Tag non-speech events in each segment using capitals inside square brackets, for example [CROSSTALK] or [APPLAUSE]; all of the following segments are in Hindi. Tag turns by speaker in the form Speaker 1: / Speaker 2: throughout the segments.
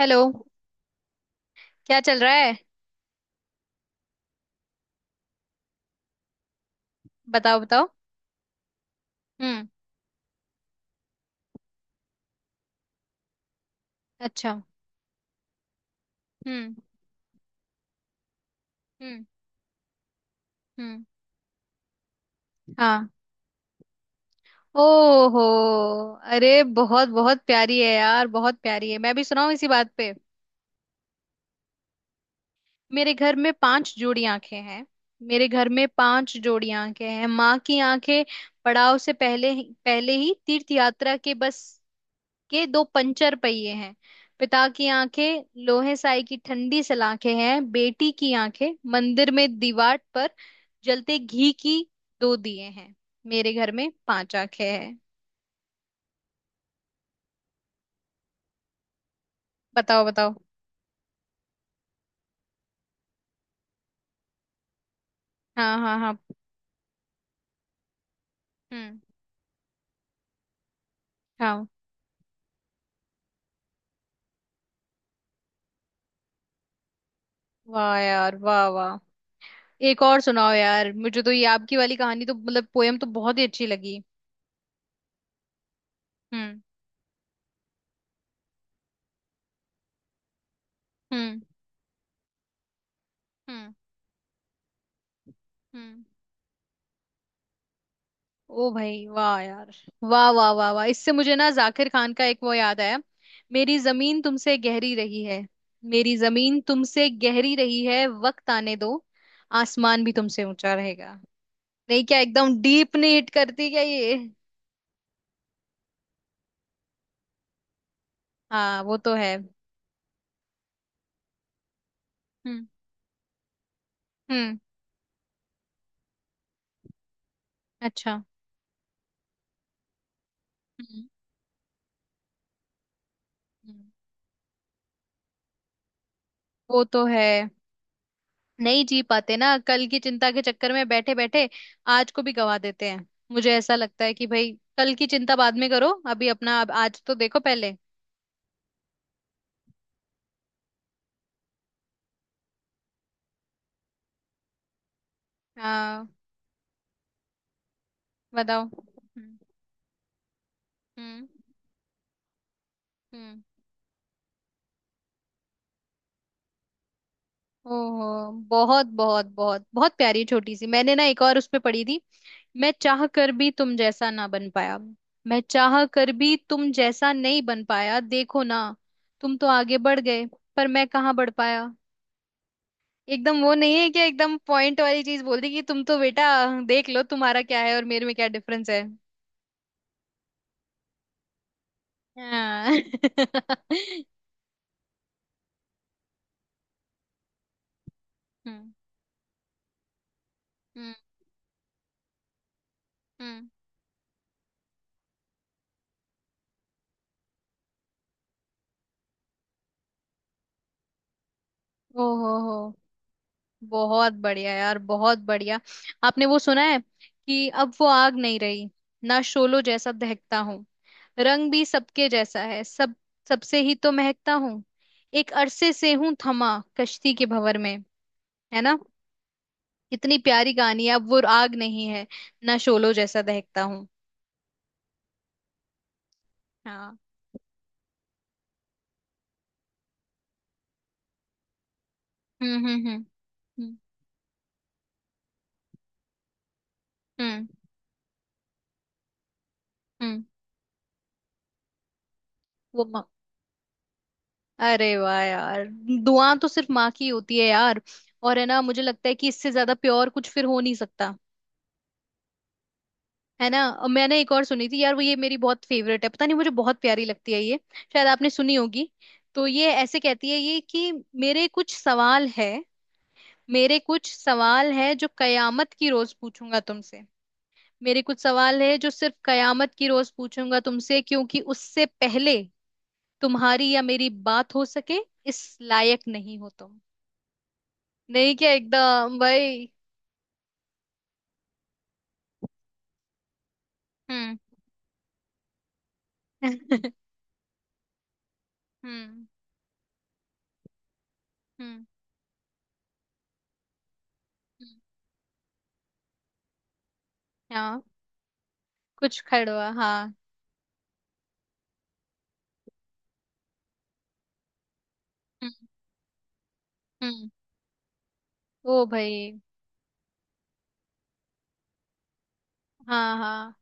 Speaker 1: हेलो। क्या चल रहा है? बताओ बताओ। हम्म। अच्छा। हम्म। हम्म। हम्म। हाँ। ओहो। अरे बहुत बहुत प्यारी है यार, बहुत प्यारी है। मैं भी सुनाऊं इसी बात पे। मेरे घर में पांच जोड़ी आंखें हैं। मेरे घर में पांच जोड़ी आंखें हैं, माँ की आंखें पड़ाव से पहले ही तीर्थ यात्रा के बस के दो पंचर पहिए हैं। पिता की आंखें लोहे साई की ठंडी सलाखें हैं। बेटी की आंखें मंदिर में दीवार पर जलते घी की दो दिए हैं। मेरे घर में पांच आंखें हैं। बताओ बताओ। हाँ हाँ हाँ। हम्म। हाँ। वाह यार, वाह वाह। एक और सुनाओ यार, मुझे तो ये आपकी वाली कहानी तो मतलब पोयम तो बहुत ही अच्छी लगी। हम्म। हम्म। हम्म। हम्म। ओ भाई, वाह यार। वाह वाह वाह वाह। इससे मुझे ना जाकिर खान का एक वो याद आया। मेरी जमीन तुमसे गहरी रही है। मेरी जमीन तुमसे गहरी रही है, वक्त आने दो। आसमान भी तुमसे ऊंचा रहेगा। नहीं क्या एकदम डीप नहीं हिट करती क्या ये? हाँ वो तो है। हम्म। हम्म। अच्छा। हम्म। हम्म, वो तो है। नहीं जी पाते ना, कल की चिंता के चक्कर में बैठे बैठे आज को भी गवा देते हैं। मुझे ऐसा लगता है कि भाई, कल की चिंता बाद में करो, अभी अपना अब आज तो देखो पहले। हाँ। बताओ। हम्म। हम्म। हम्म। ओहो, बहुत बहुत बहुत बहुत प्यारी, छोटी सी। मैंने ना एक और उस पे पढ़ी थी। मैं चाह कर भी तुम जैसा ना बन पाया। मैं चाह कर भी तुम जैसा नहीं बन पाया, देखो ना। तुम तो आगे बढ़ गए, पर मैं कहाँ बढ़ पाया। एकदम वो नहीं है क्या, एकदम पॉइंट वाली चीज बोल दी कि तुम तो बेटा देख लो तुम्हारा क्या है और मेरे में क्या डिफरेंस है। हाँ [LAUGHS] हम्म। हम्म। हम्म। ओहो हो। बहुत बढ़िया यार, बहुत बढ़िया। आपने वो सुना है कि अब वो आग नहीं रही, ना शोलो जैसा दहकता हूँ। रंग भी सबके जैसा है, सब सबसे ही तो महकता हूँ। एक अरसे से हूँ थमा कश्ती के भंवर में। है ना। कितनी प्यारी कहानी है। अब वो आग नहीं है, ना शोलो जैसा दहकता हूँ। हाँ। हम्म। हम्म। हम्म। हम्म। हम्म। हम्म, वो माँ, अरे वाह यार। दुआ तो सिर्फ माँ की होती है यार। और है ना, मुझे लगता है कि इससे ज्यादा प्योर कुछ फिर हो नहीं सकता। है ना। और मैंने एक और सुनी थी यार, वो ये मेरी बहुत फेवरेट है, पता नहीं मुझे बहुत प्यारी लगती है ये। शायद आपने सुनी होगी। तो ये ऐसे कहती है ये कि मेरे कुछ सवाल है। मेरे कुछ सवाल है जो कयामत की रोज पूछूंगा तुमसे। मेरे कुछ सवाल है जो सिर्फ कयामत की रोज पूछूंगा तुमसे, क्योंकि उससे पहले तुम्हारी या मेरी बात हो सके इस लायक नहीं हो तुम। नहीं क्या एकदम भाई। हम्म [LAUGHS] हम्म। हम्म। हम्म, हाँ कुछ खड़वा, हाँ। हम्म। हम्म। ओ भाई। हाँ हाँ,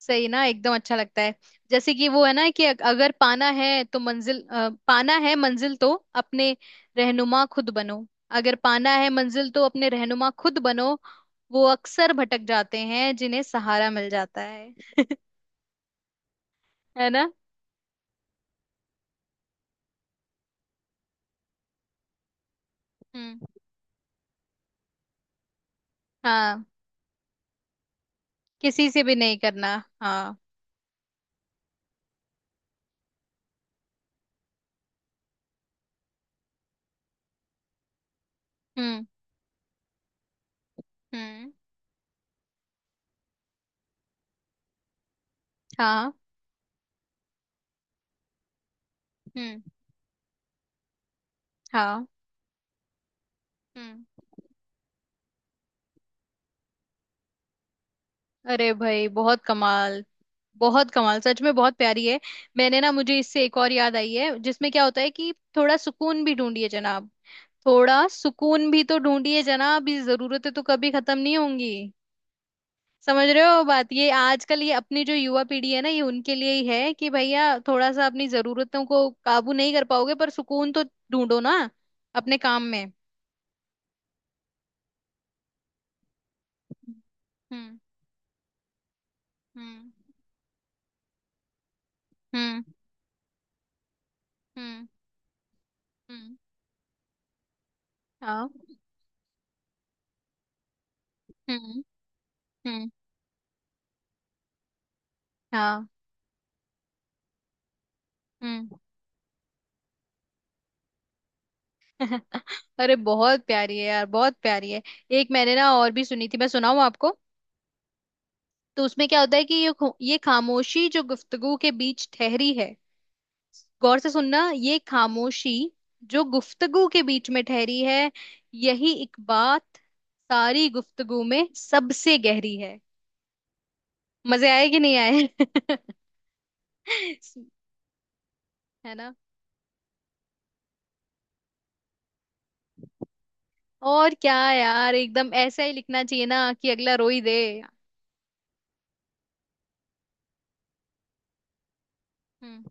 Speaker 1: सही ना, एकदम अच्छा लगता है। जैसे कि वो है ना कि अगर पाना है तो मंजिल, पाना है मंजिल तो अपने रहनुमा खुद बनो। अगर पाना है मंजिल तो अपने रहनुमा खुद बनो। वो अक्सर भटक जाते हैं जिन्हें सहारा मिल जाता है। है ना। हम्म। हाँ, किसी से भी नहीं करना। हाँ। हम्म। हम्म। हाँ। हम्म। हाँ। हम्म। अरे भाई बहुत कमाल, बहुत कमाल, सच में बहुत प्यारी है। मैंने ना, मुझे इससे एक और याद आई है, जिसमें क्या होता है कि थोड़ा सुकून भी ढूंढिए जनाब। थोड़ा सुकून भी तो ढूंढिए जनाब, ये जरूरतें तो कभी खत्म नहीं होंगी। समझ रहे हो बात? ये आजकल ये अपनी जो युवा पीढ़ी है ना, ये उनके लिए ही है कि भैया थोड़ा सा अपनी जरूरतों को काबू नहीं कर पाओगे पर सुकून तो ढूंढो ना अपने काम में। हम्म। हम्म। हम्म। हम्म। हम्म। हाँ। हम्म। हम्म। हाँ। हम्म [LAUGHS] अरे बहुत प्यारी है यार, बहुत प्यारी है। एक मैंने ना और भी सुनी थी, मैं सुनाऊं आपको। तो उसमें क्या होता है कि ये ये खामोशी जो गुफ्तगू के बीच ठहरी है। गौर से सुनना, ये खामोशी जो गुफ्तगू के बीच में ठहरी है, यही एक बात सारी गुफ्तगू में सबसे गहरी है। मजे आए कि नहीं आए? [LAUGHS] है ना? और क्या यार, एकदम ऐसा ही लिखना चाहिए ना कि अगला रो ही दे। हम्म।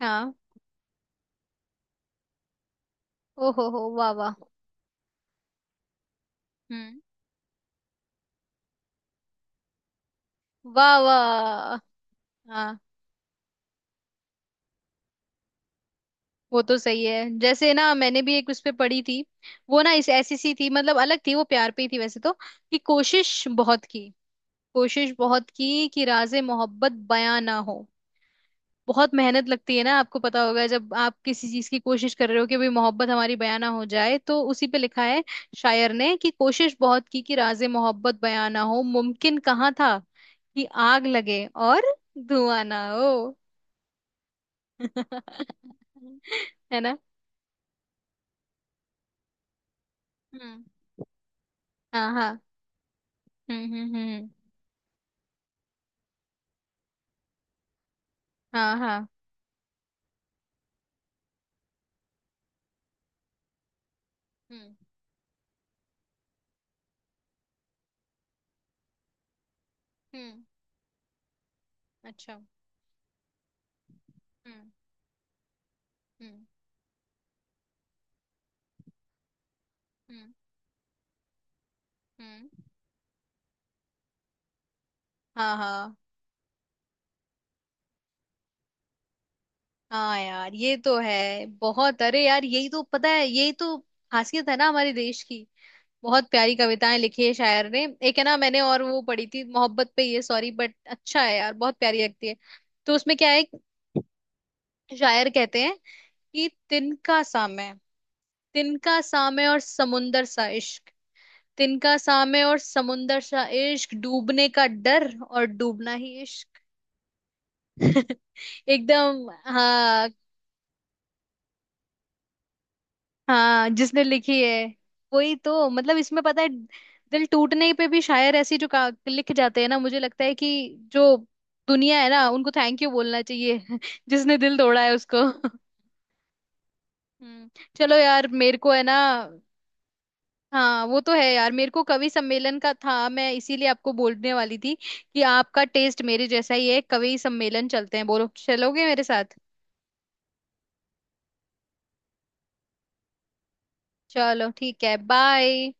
Speaker 1: हाँ। ओहो हो, वाह वाह। हम्म। वाह वाह। हाँ वो तो सही है। जैसे ना मैंने भी एक उस पे पढ़ी थी। वो ना इस ऐसी सी थी, मतलब अलग थी वो, प्यार पे ही थी वैसे तो। कि कोशिश बहुत की, कोशिश बहुत की कि राज़े मोहब्बत बयां ना हो। बहुत मेहनत लगती है ना, आपको पता होगा जब आप किसी चीज की कोशिश कर रहे हो कि भाई मोहब्बत हमारी बयां ना हो जाए। तो उसी पे लिखा है शायर ने कि कोशिश बहुत की कि राज़े मोहब्बत बयां ना हो, मुमकिन कहाँ था कि आग लगे और धुआं ना हो। [LAUGHS] है ना। हम्म। हाँ हाँ। हम्म। हम्म। हम्म। हम्म। हाँ हाँ। हम्म। हम्म, अच्छा। हम्म। हम्म। हम्म। हम्म। हाँ हाँ। हाँ यार ये तो है, बहुत। अरे यार, यही तो पता है, यही तो खासियत है ना हमारे देश की। बहुत प्यारी कविताएं लिखी है शायर ने। एक है ना, मैंने और वो पढ़ी थी मोहब्बत पे, ये सॉरी बट अच्छा है यार, बहुत प्यारी लगती है। तो उसमें क्या है, एक शायर कहते हैं कि तिनका सामे, तिनका सामे और समुंदर सा इश्क। तिनका सामे और समुंदर सा इश्क, डूबने का डर और डूबना ही इश्क। [LAUGHS] एकदम हाँ। हाँ जिसने लिखी है, वही तो मतलब, इसमें पता है दिल टूटने पे भी शायर ऐसी जो लिख जाते हैं ना, मुझे लगता है कि जो दुनिया है ना, उनको थैंक यू बोलना चाहिए [LAUGHS] जिसने दिल तोड़ा है उसको। हम्म [LAUGHS] चलो यार, मेरे को है ना। हाँ वो तो है यार, मेरे को कवि सम्मेलन का था, मैं इसीलिए आपको बोलने वाली थी कि आपका टेस्ट मेरे जैसा ही है। कवि सम्मेलन चलते हैं, बोलो चलोगे मेरे साथ? चलो ठीक है, बाय।